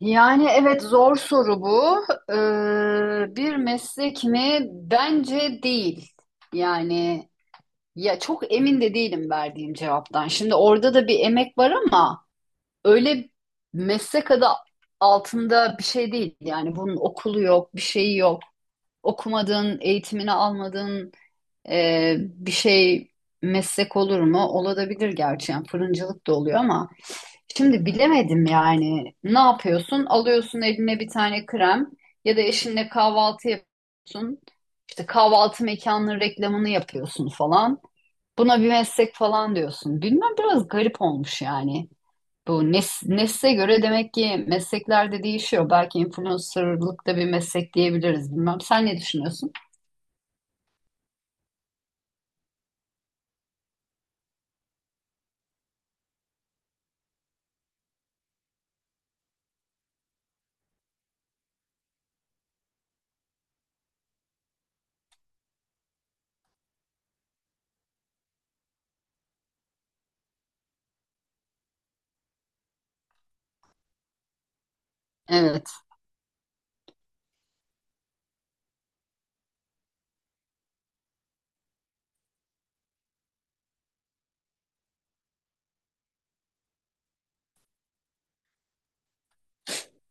Yani evet, zor soru bu. Bir meslek mi? Bence değil. Yani ya çok emin de değilim verdiğim cevaptan. Şimdi orada da bir emek var ama öyle meslek adı altında bir şey değil. Yani bunun okulu yok, bir şeyi yok. Okumadın, eğitimini almadın. Bir şey meslek olur mu? Olabilir gerçi. Yani fırıncılık da oluyor ama şimdi bilemedim yani. Ne yapıyorsun? Alıyorsun eline bir tane krem ya da eşinle kahvaltı yapıyorsun. İşte kahvaltı mekanının reklamını yapıyorsun falan. Buna bir meslek falan diyorsun. Bilmem, biraz garip olmuş yani. Bu nesle göre demek ki meslekler de değişiyor. Belki influencerlık da bir meslek diyebiliriz. Bilmem, sen ne düşünüyorsun? Evet.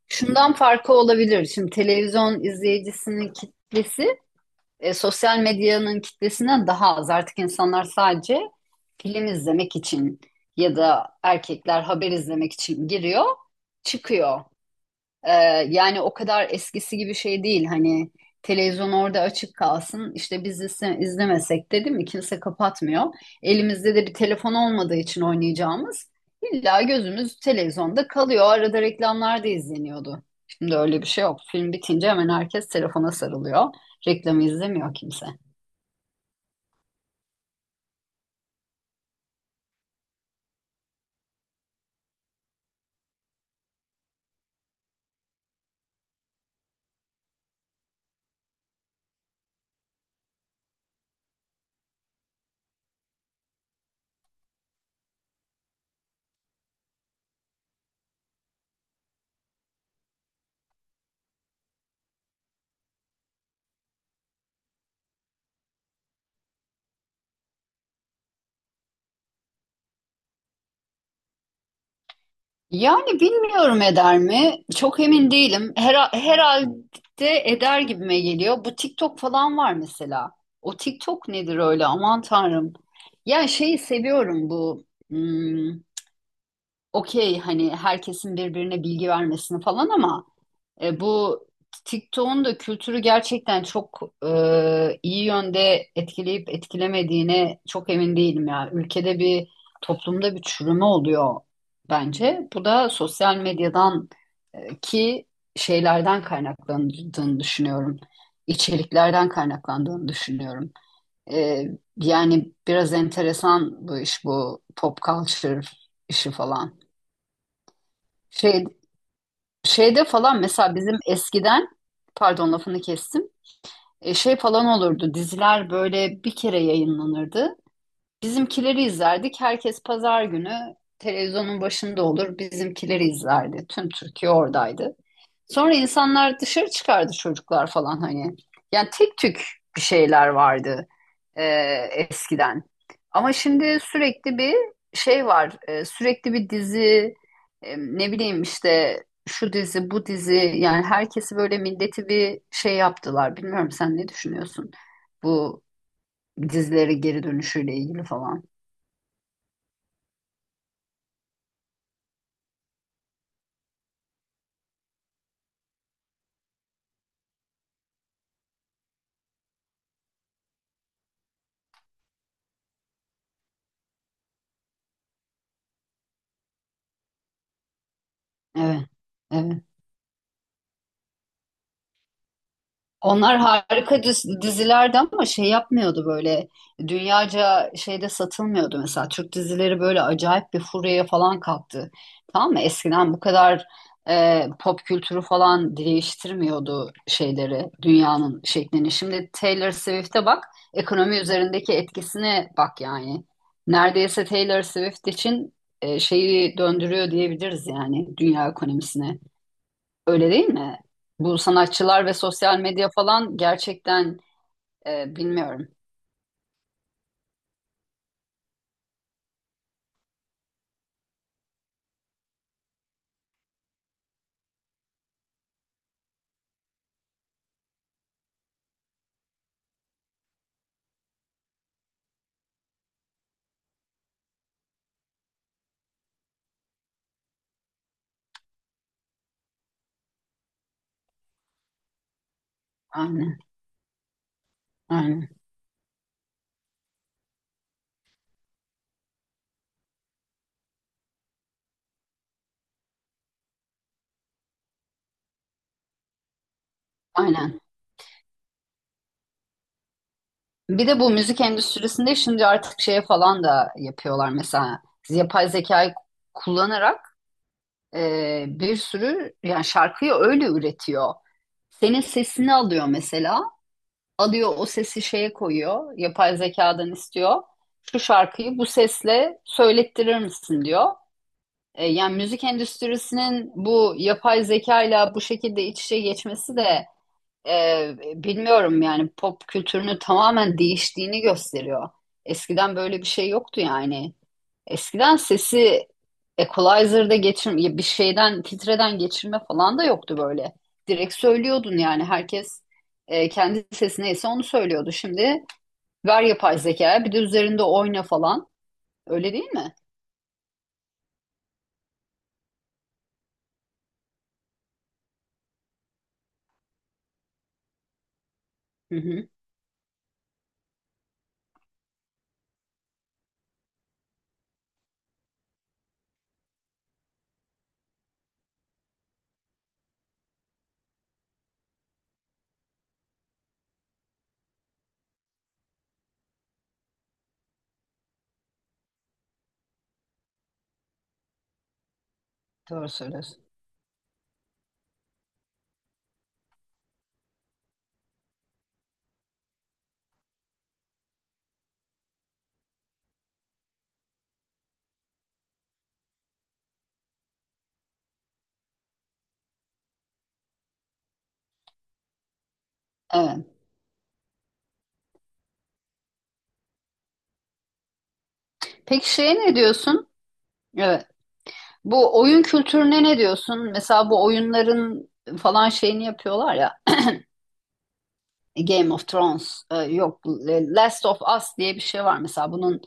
Şundan farkı olabilir. Şimdi televizyon izleyicisinin kitlesi sosyal medyanın kitlesinden daha az. Artık insanlar sadece film izlemek için ya da erkekler haber izlemek için giriyor, çıkıyor. Ee, Yani o kadar eskisi gibi şey değil, hani televizyon orada açık kalsın işte biz izlemesek de, değil mi, kimse kapatmıyor. Elimizde de bir telefon olmadığı için oynayacağımız, illa gözümüz televizyonda kalıyor. Arada reklamlar da izleniyordu. Şimdi öyle bir şey yok. Film bitince hemen herkes telefona sarılıyor. Reklamı izlemiyor kimse. Yani bilmiyorum, eder mi? Çok emin değilim. Herhalde eder gibime geliyor. Bu TikTok falan var mesela. O TikTok nedir öyle? Aman tanrım. Ya şeyi seviyorum bu. hmm, Okey, hani herkesin birbirine bilgi vermesini falan ama bu TikTok'un da kültürü gerçekten çok iyi yönde etkileyip etkilemediğine çok emin değilim ya. Ülkede bir, toplumda bir çürüme oluyor bence. Bu da sosyal medyadan e, ki şeylerden kaynaklandığını düşünüyorum. İçeriklerden kaynaklandığını düşünüyorum. E, Yani biraz enteresan bu iş, bu pop culture işi falan. Şey, Şeyde falan mesela bizim eskiden pardon, lafını kestim. Şey falan olurdu. Diziler böyle bir kere yayınlanırdı. Bizimkileri izlerdik. Herkes pazar günü televizyonun başında olur. Bizimkileri izlerdi. Tüm Türkiye oradaydı. Sonra insanlar dışarı çıkardı, çocuklar falan hani. Yani tek tük bir şeyler vardı e, eskiden. Ama şimdi sürekli bir şey var. Sürekli bir dizi, ne bileyim işte şu dizi, bu dizi. Yani herkesi böyle, milleti bir şey yaptılar. Bilmiyorum, sen ne düşünüyorsun bu dizileri geri dönüşüyle ilgili falan. Evet, evet. Onlar harika dizilerdi ama şey yapmıyordu böyle, dünyaca şeyde satılmıyordu mesela. Türk dizileri böyle acayip bir furyaya falan kalktı. Tamam mı? Eskiden bu kadar pop kültürü falan değiştirmiyordu şeyleri, dünyanın şeklini. Şimdi Taylor Swift'e bak, ekonomi üzerindeki etkisine bak yani. Neredeyse Taylor Swift için şeyi döndürüyor diyebiliriz yani, dünya ekonomisine. Öyle değil mi? Bu sanatçılar ve sosyal medya falan gerçekten bilmiyorum. Aynen, aynen, aynen. Bir de bu müzik endüstrisinde şimdi artık şeye falan da yapıyorlar mesela, yapay zekayı kullanarak bir sürü yani şarkıyı öyle üretiyor. Senin sesini alıyor mesela, alıyor o sesi şeye koyuyor, yapay zekadan istiyor. Şu şarkıyı bu sesle söylettirir misin diyor. Yani müzik endüstrisinin bu yapay zekayla bu şekilde iç içe geçmesi de e, bilmiyorum yani, pop kültürünü tamamen değiştiğini gösteriyor. Eskiden böyle bir şey yoktu yani. Eskiden sesi equalizer'da geçir, bir şeyden filtreden geçirme falan da yoktu böyle. Direkt söylüyordun yani, herkes kendi sesi neyse onu söylüyordu. Şimdi ver yapay zekaya, bir de üzerinde oyna falan. Öyle değil mi? Hı hı. Doğru söylüyorsun. Evet. Peki şeye ne diyorsun? Evet. Bu oyun kültürüne ne diyorsun? Mesela bu oyunların falan şeyini yapıyorlar ya. Game of Thrones, e, yok e, Last of Us diye bir şey var mesela. Bunun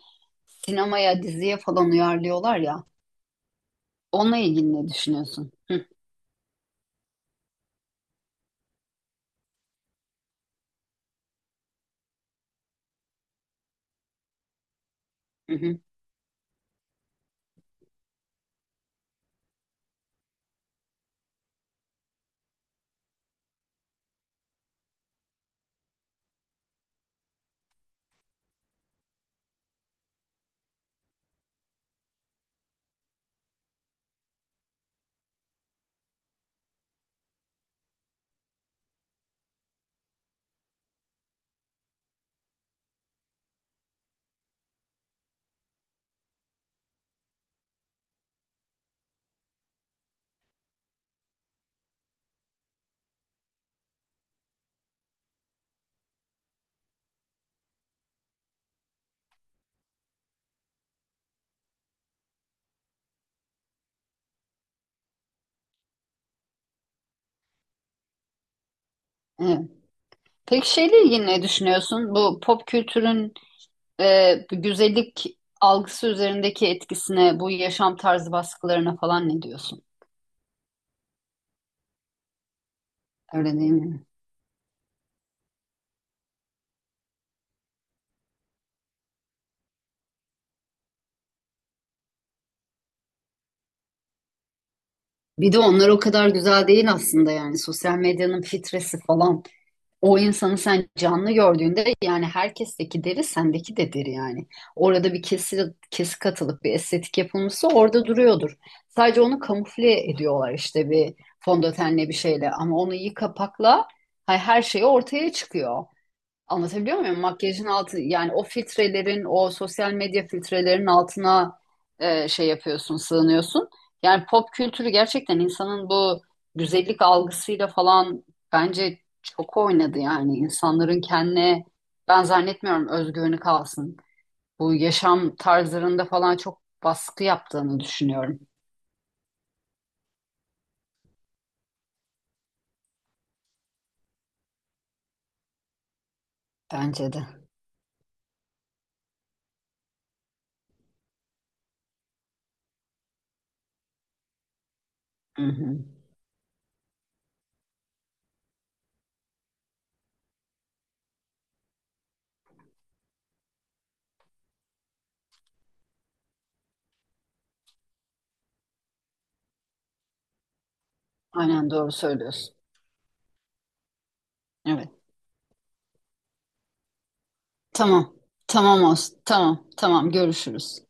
sinemaya, diziye falan uyarlıyorlar ya. Onunla ilgili ne düşünüyorsun? Hı, hı, hı. Evet. Peki şeyle ilgili ne düşünüyorsun? Bu pop kültürün güzellik algısı üzerindeki etkisine, bu yaşam tarzı baskılarına falan ne diyorsun? Öyle değil mi? Bir de onlar o kadar güzel değil aslında yani, sosyal medyanın filtresi falan. O insanı sen canlı gördüğünde yani, herkesteki deri sendeki de deri yani. Orada bir kesik katılıp bir estetik yapılmışsa orada duruyordur. Sadece onu kamufle ediyorlar işte bir fondötenle, bir şeyle ama onu iyi kapakla her şey ortaya çıkıyor. Anlatabiliyor muyum? Makyajın altı yani, o filtrelerin, o sosyal medya filtrelerinin altına şey yapıyorsun, sığınıyorsun. Yani pop kültürü gerçekten insanın bu güzellik algısıyla falan bence çok oynadı yani. İnsanların kendine, ben zannetmiyorum özgüveni kalsın. Bu yaşam tarzlarında falan çok baskı yaptığını düşünüyorum. Bence de. Hı hı. Aynen, doğru söylüyorsun. Evet. Tamam. Tamam olsun. Tamam. Tamam. Görüşürüz.